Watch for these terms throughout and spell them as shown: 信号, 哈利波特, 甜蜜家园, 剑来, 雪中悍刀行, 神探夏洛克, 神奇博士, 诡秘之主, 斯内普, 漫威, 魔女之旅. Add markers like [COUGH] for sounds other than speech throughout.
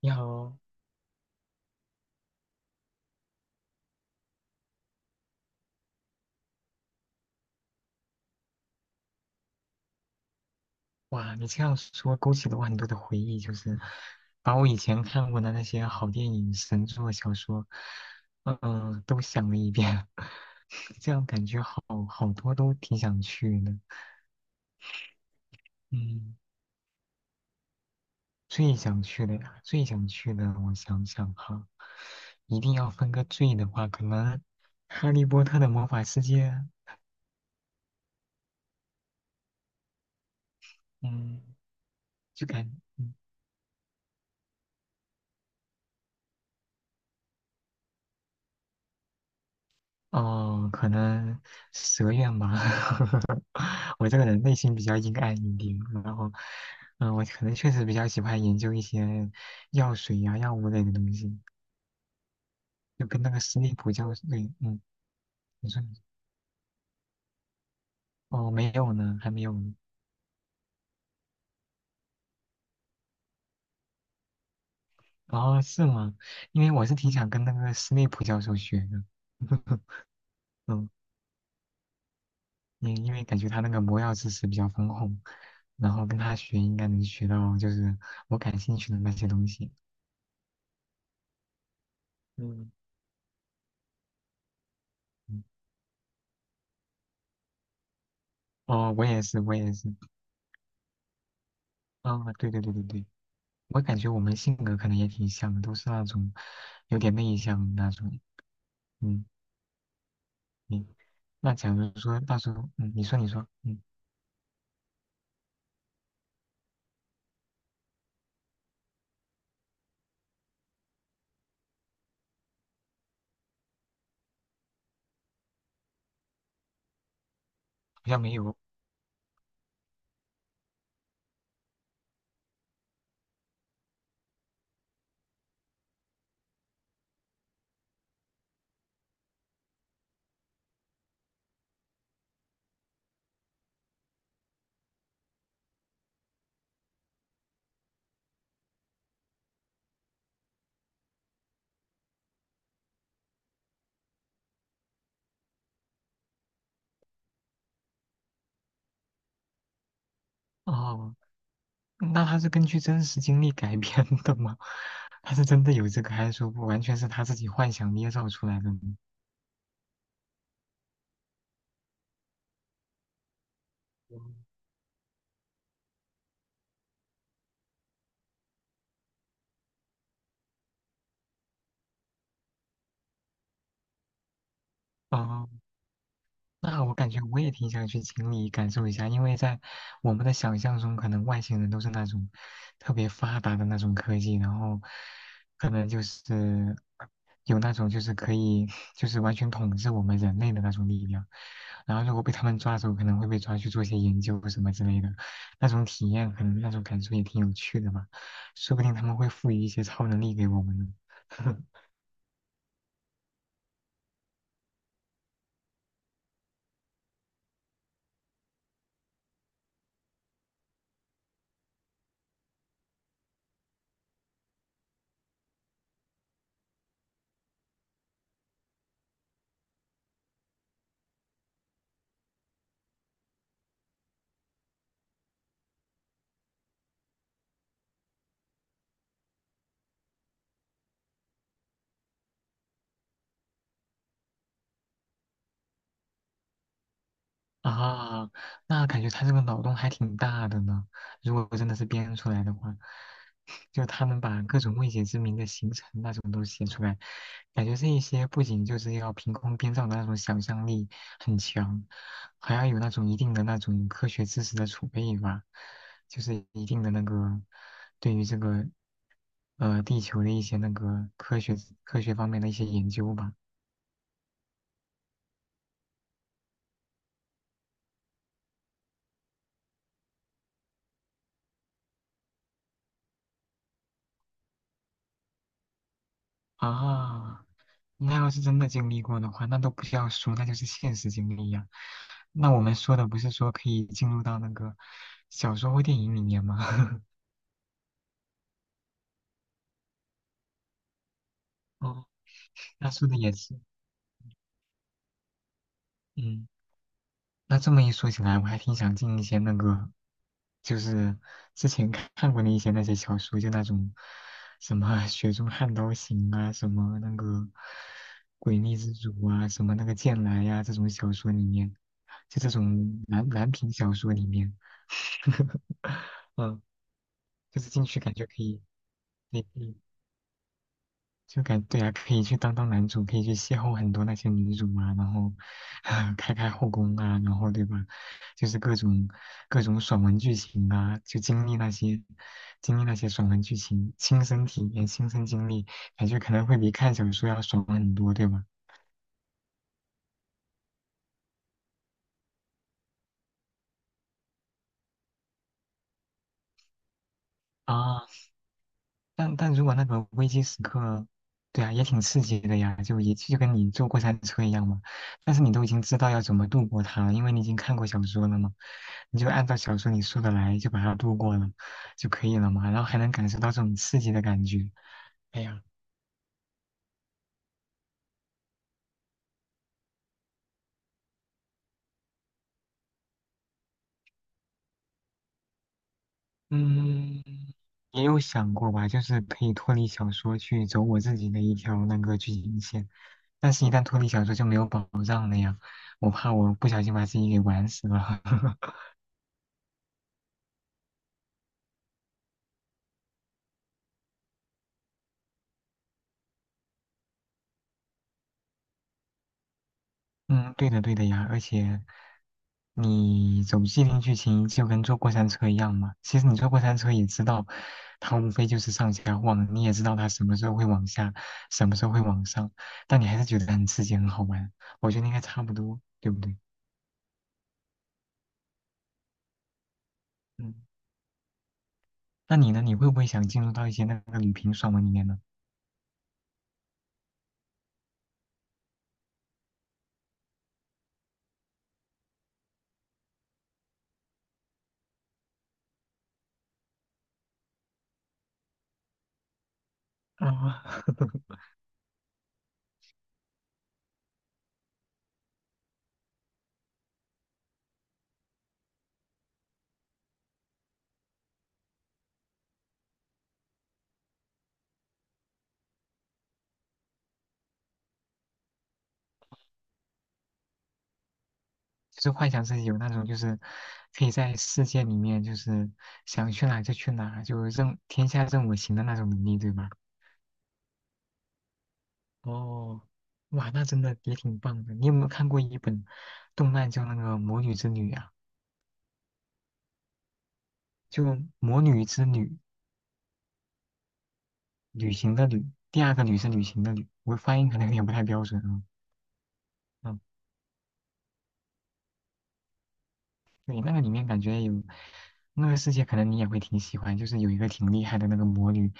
你好，哇，你这样说勾起了我很多的回忆，就是把我以前看过的那些好电影、神作、小说，都想了一遍，[LAUGHS] 这样感觉好多都挺想去的。嗯，最想去的呀，最想去的，我想想哈，一定要分个最的话，可能《哈利波特》的魔法世界，嗯，就感，嗯哦，可能蛇愿吧。[LAUGHS] 我这个人内心比较阴暗一点，然后，我可能确实比较喜欢研究一些药水呀、药物类的东西，就跟那个斯内普教授，对，你说，你说哦，没有呢，还没有呢。哦，是吗？因为我是挺想跟那个斯内普教授学的，[LAUGHS] 嗯，因为感觉他那个魔药知识比较丰富，然后跟他学应该能学到就是我感兴趣的那些东西。嗯。嗯哦，我也是，我也是。啊、对对对对对，我感觉我们性格可能也挺像的，都是那种有点内向的那种。嗯，你那假如说到时候，你说你说，好像没有哦。那他是根据真实经历改编的吗？[LAUGHS] 他是真的有这个，还是说完全是他自己幻想捏造出来的呢？哦，那我感觉我也挺想去经历感受一下，因为在我们的想象中，可能外星人都是那种特别发达的那种科技，然后可能就是有那种就是可以就是完全统治我们人类的那种力量，然后如果被他们抓走，可能会被抓去做一些研究或什么之类的，那种体验可能那种感受也挺有趣的吧，说不定他们会赋予一些超能力给我们呢。[LAUGHS] 啊，那感觉他这个脑洞还挺大的呢。如果真的是编出来的话，[LAUGHS] 就他能把各种未解之谜的形成那种都写出来，感觉这一些不仅就是要凭空编造的那种想象力很强，还要有那种一定的那种科学知识的储备吧，就是一定的那个对于这个地球的一些那个科学方面的一些研究吧。啊，那要是真的经历过的话，那都不需要说，那就是现实经历呀、那我们说的不是说可以进入到那个小说或电影里面吗？[LAUGHS] 哦，那说的也是，嗯。那这么一说起来，我还挺想进一些那个，就是之前看过的一些那些小说，就那种什么啊《雪中悍刀行》啊，什么那个《诡秘之主》啊，什么那个《剑来》呀，这种小说里面，就这种男频小说里面，[LAUGHS] 嗯，就是进去感觉可以，可以对啊，可以去当男主，可以去邂逅很多那些女主啊，然后啊 [LAUGHS] 开后宫啊，然后对吧？就是各种爽文剧情啊，就经历那些爽文剧情，亲身体验、亲身经历，感觉可能会比看小说要爽很多，对吧？啊。但如果那个危机时刻，对啊，也挺刺激的呀，就也就跟你坐过山车一样嘛。但是你都已经知道要怎么度过它了，因为你已经看过小说了嘛，你就按照小说里说的来，就把它度过了就可以了嘛。然后还能感受到这种刺激的感觉。哎呀，嗯，也有想过吧，就是可以脱离小说去走我自己的一条那个剧情线，但是一旦脱离小说就没有保障了呀，我怕我不小心把自己给玩死了。[LAUGHS] 嗯，对的，对的呀，而且你走既定剧情就跟坐过山车一样嘛。其实你坐过山车也知道，它无非就是上下晃，你也知道它什么时候会往下，什么时候会往上，但你还是觉得很刺激，很好玩。我觉得应该差不多，对不对？嗯，那你呢？你会不会想进入到一些那个旅平爽文里面呢？啊，[LAUGHS] 就是幻想自己有那种，就是可以在世界里面，就是想去哪就去哪，就任天下任我行的那种能力，对吧？哦，哇，那真的也挺棒的。你有没有看过一本动漫叫那个《魔女之旅》啊？就《魔女之旅》，旅行的旅，第二个旅是旅行的旅。我发音可能有点不太标准啊。嗯对，那个里面感觉有那个世界，可能你也会挺喜欢，就是有一个挺厉害的那个魔女，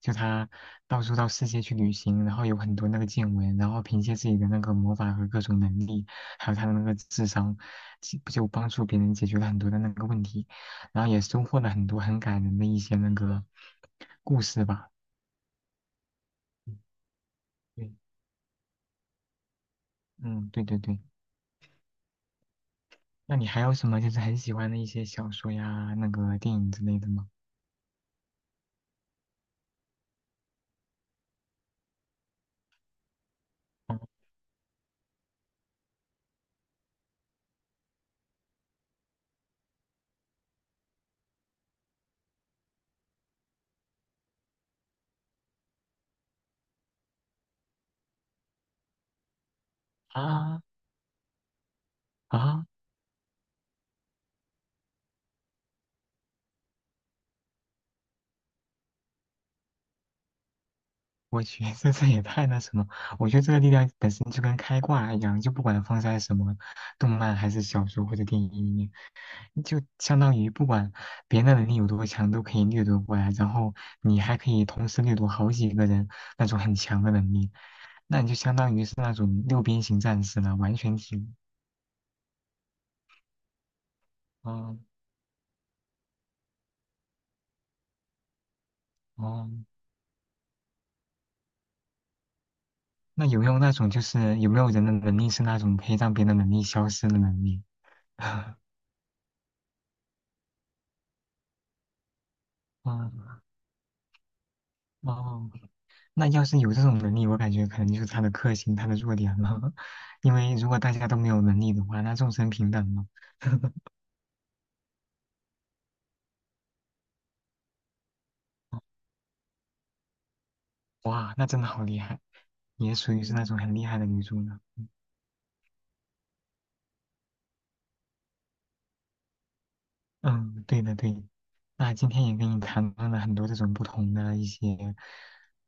就她到处到世界去旅行，然后有很多那个见闻，然后凭借自己的那个魔法和各种能力，还有她的那个智商，其就帮助别人解决了很多的那个问题，然后也收获了很多很感人的一些那个故事吧。嗯对，嗯，对对对。那你还有什么就是很喜欢的一些小说呀，那个电影之类的吗？啊啊！我觉得这也太那什么，我觉得这个力量本身就跟开挂一样，就不管放在什么动漫还是小说或者电影里面，就相当于不管别人的能力有多强，都可以掠夺过来，然后你还可以同时掠夺好几个人那种很强的能力，那你就相当于是那种六边形战士了，完全体。哦哦，那有没有那种就是有没有人的能力是那种可以让别人的能力消失的能力？[LAUGHS] 嗯哦。那要是有这种能力，我感觉可能就是他的克星，他的弱点了。[LAUGHS] 因为如果大家都没有能力的话，那众生平等了。哇，那真的好厉害，也属于是那种很厉害的女主呢。嗯，对的对的。那今天也跟你谈论了很多这种不同的一些，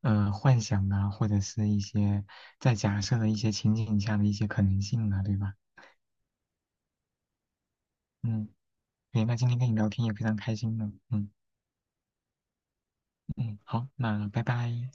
幻想啊，或者是一些在假设的一些情景下的一些可能性啊，对吧？嗯，对。那今天跟你聊天也非常开心呢。嗯嗯，好，那拜拜。